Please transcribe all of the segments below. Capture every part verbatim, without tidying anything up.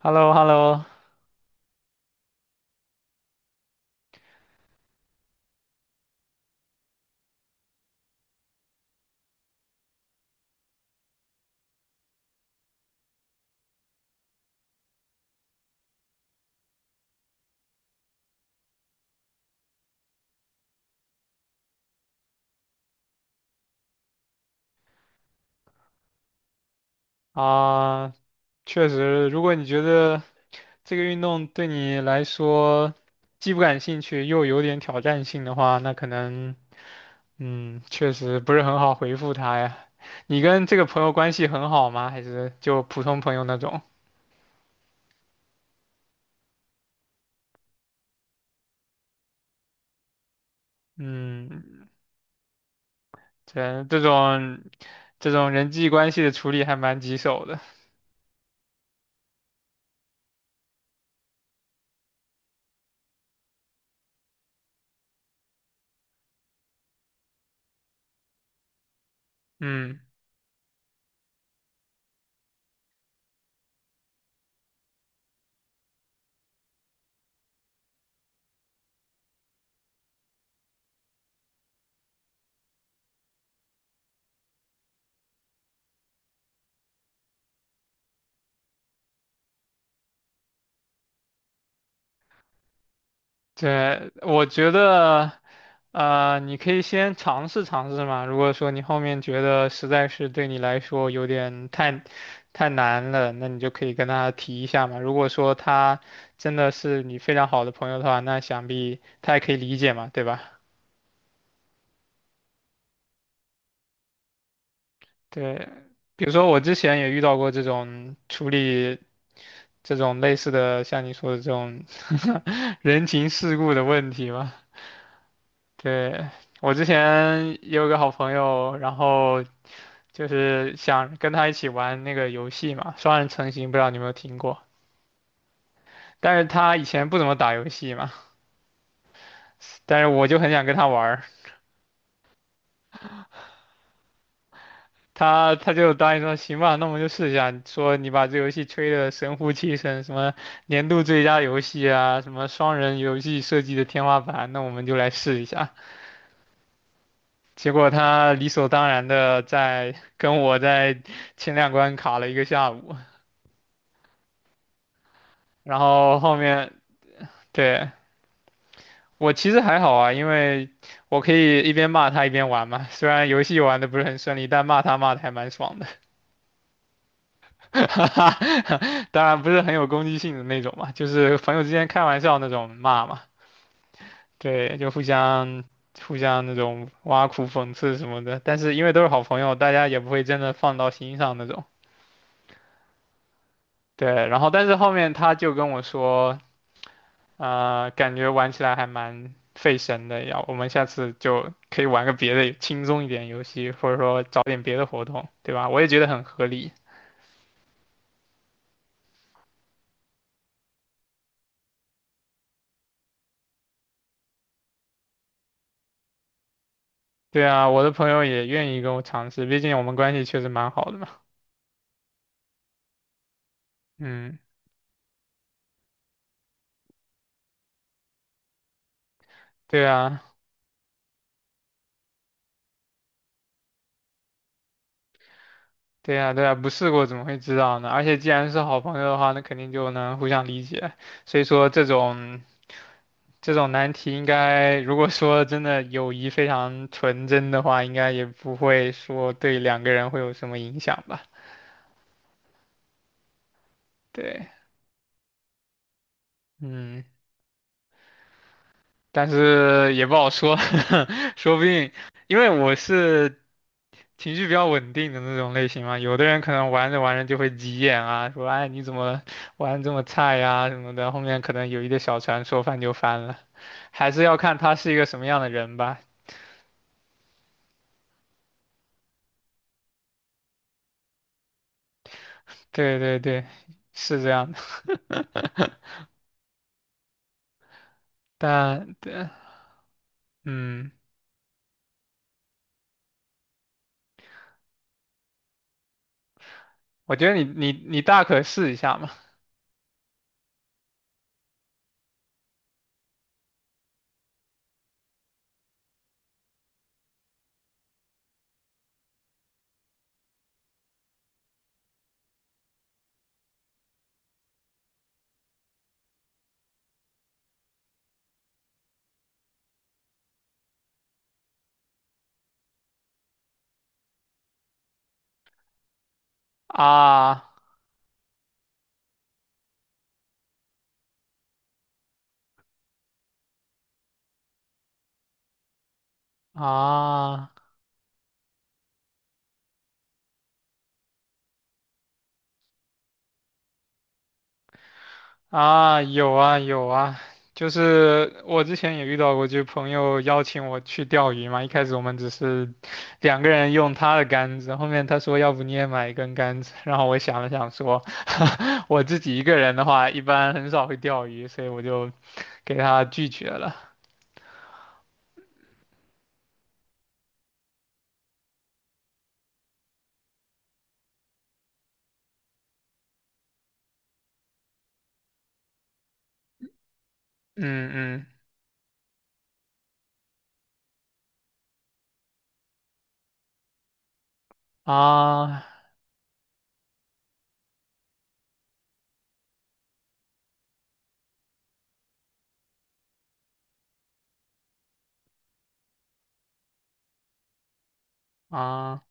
h e l l o h e l l o 啊，确实，如果你觉得这个运动对你来说既不感兴趣又有点挑战性的话，那可能，嗯，确实不是很好回复他呀。你跟这个朋友关系很好吗？还是就普通朋友那种？嗯，这这种这种人际关系的处理还蛮棘手的。嗯。对，我觉得，呃，你可以先尝试尝试嘛。如果说你后面觉得实在是对你来说有点太太难了，那你就可以跟他提一下嘛。如果说他真的是你非常好的朋友的话，那想必他也可以理解嘛，对吧？对，比如说我之前也遇到过这种处理这种类似的，像你说的这种 人情世故的问题嘛。对，我之前也有个好朋友，然后。就是想跟他一起玩那个游戏嘛，双人成行，不知道你有没有听过？但是他以前不怎么打游戏嘛，但是我就很想跟他玩儿他他就答应说行吧，那我们就试一下，说你把这游戏吹得神乎其神，什么年度最佳游戏啊，什么双人游戏设计的天花板，那我们就来试一下。结果他理所当然的在跟我在前两关卡了一个下午，然后后面对我其实还好啊，因为我可以一边骂他一边玩嘛。虽然游戏玩的不是很顺利，但骂他骂的还蛮爽的，哈哈。当然不是很有攻击性的那种嘛，就是朋友之间开玩笑那种骂嘛。对，就互相互相那种挖苦、讽刺什么的。但是因为都是好朋友，大家也不会真的放到心上那种。对，然后但是后面他就跟我说。啊、感觉玩起来还蛮费神的呀。我们下次就可以玩个别的轻松一点游戏，或者说找点别的活动，对吧？我也觉得很合理。对啊，我的朋友也愿意跟我尝试，毕竟我们关系确实蛮好的嘛。嗯，对啊，对啊，对啊，不试过怎么会知道呢？而且既然是好朋友的话，那肯定就能互相理解。所以说这种这种难题，应该如果说真的友谊非常纯真的话，应该也不会说对两个人会有什么影响吧。对，嗯，但是也不好说，说不定，因为我是情绪比较稳定的那种类型嘛，有的人可能玩着玩着就会急眼啊，说哎你怎么玩这么菜呀、什么的，后面可能有一个小船说翻就翻了，还是要看他是一个什么样的人吧。对对对，是这样的，但对，嗯，我觉得你你你大可试一下嘛，啊啊。啊，有啊有啊，就是我之前也遇到过，就是朋友邀请我去钓鱼嘛。一开始我们只是两个人用他的杆子，后面他说要不你也买一根杆子，然后我想了想说，我自己一个人的话一般很少会钓鱼，所以我就给他拒绝了。嗯嗯啊啊，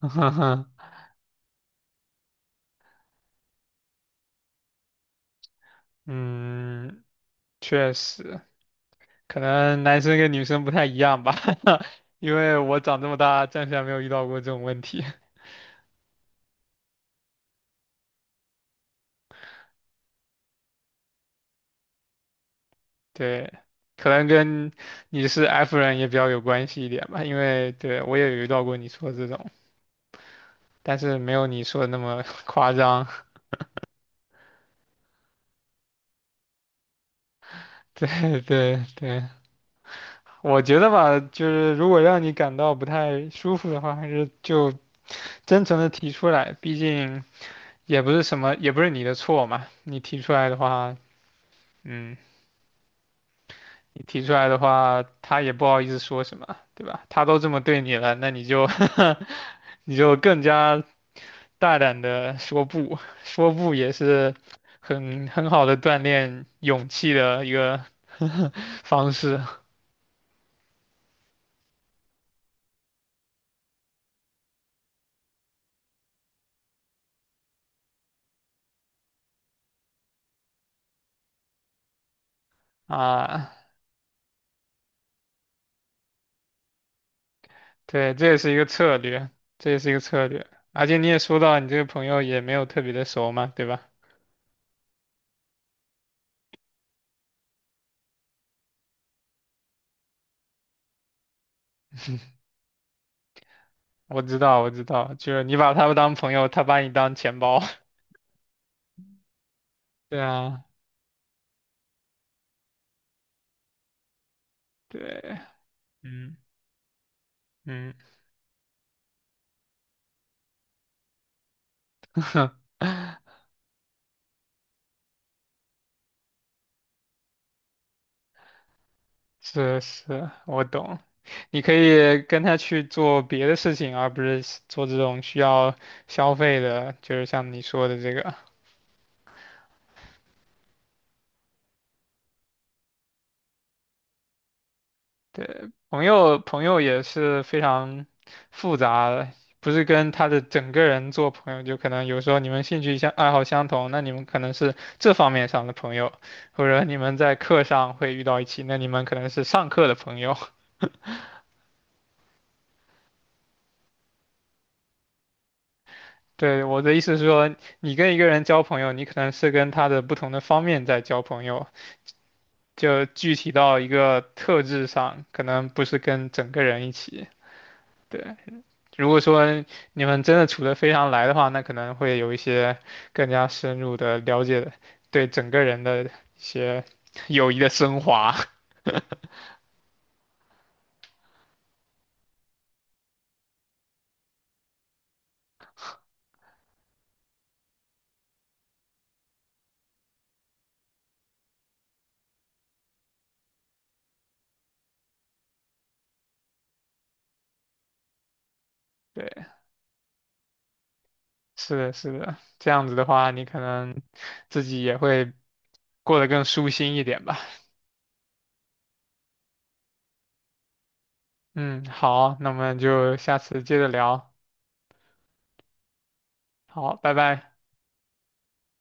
嗯，确实，可能男生跟女生不太一样吧，因为我长这么大暂时还没有遇到过这种问题。对，可能跟你是 F 人也比较有关系一点吧，因为对我也有遇到过你说的这种，但是没有你说的那么 夸张。对对对，我觉得吧，就是如果让你感到不太舒服的话，还是就真诚的提出来，毕竟也不是什么，也不是你的错嘛，你提出来的话。嗯，你提出来的话，他也不好意思说什么，对吧？他都这么对你了，那你就 你就更加大胆的说不，说不也是很很好的锻炼勇气的一个 方式啊。对，这也是一个策略，这也是一个策略。而且你也说到，你这个朋友也没有特别的熟嘛，对吧？我知道，我知道，就是你把他们当朋友，他把你当钱包。对啊，对，嗯嗯。是是，我懂。你可以跟他去做别的事情，而不是做这种需要消费的，就是像你说的这个。对，朋友朋友也是非常复杂的，不是跟他的整个人做朋友，就可能有时候你们兴趣相爱好相同，那你们可能是这方面上的朋友，或者你们在课上会遇到一起，那你们可能是上课的朋友。对，我的意思是说，你跟一个人交朋友，你可能是跟他的不同的方面在交朋友。就具体到一个特质上，可能不是跟整个人一起。对，如果说你们真的处得非常来的话，那可能会有一些更加深入的了解，对整个人的一些友谊的升华。对，是的，是的，这样子的话，你可能自己也会过得更舒心一点吧。嗯，好，那我们就下次接着聊。好，拜拜。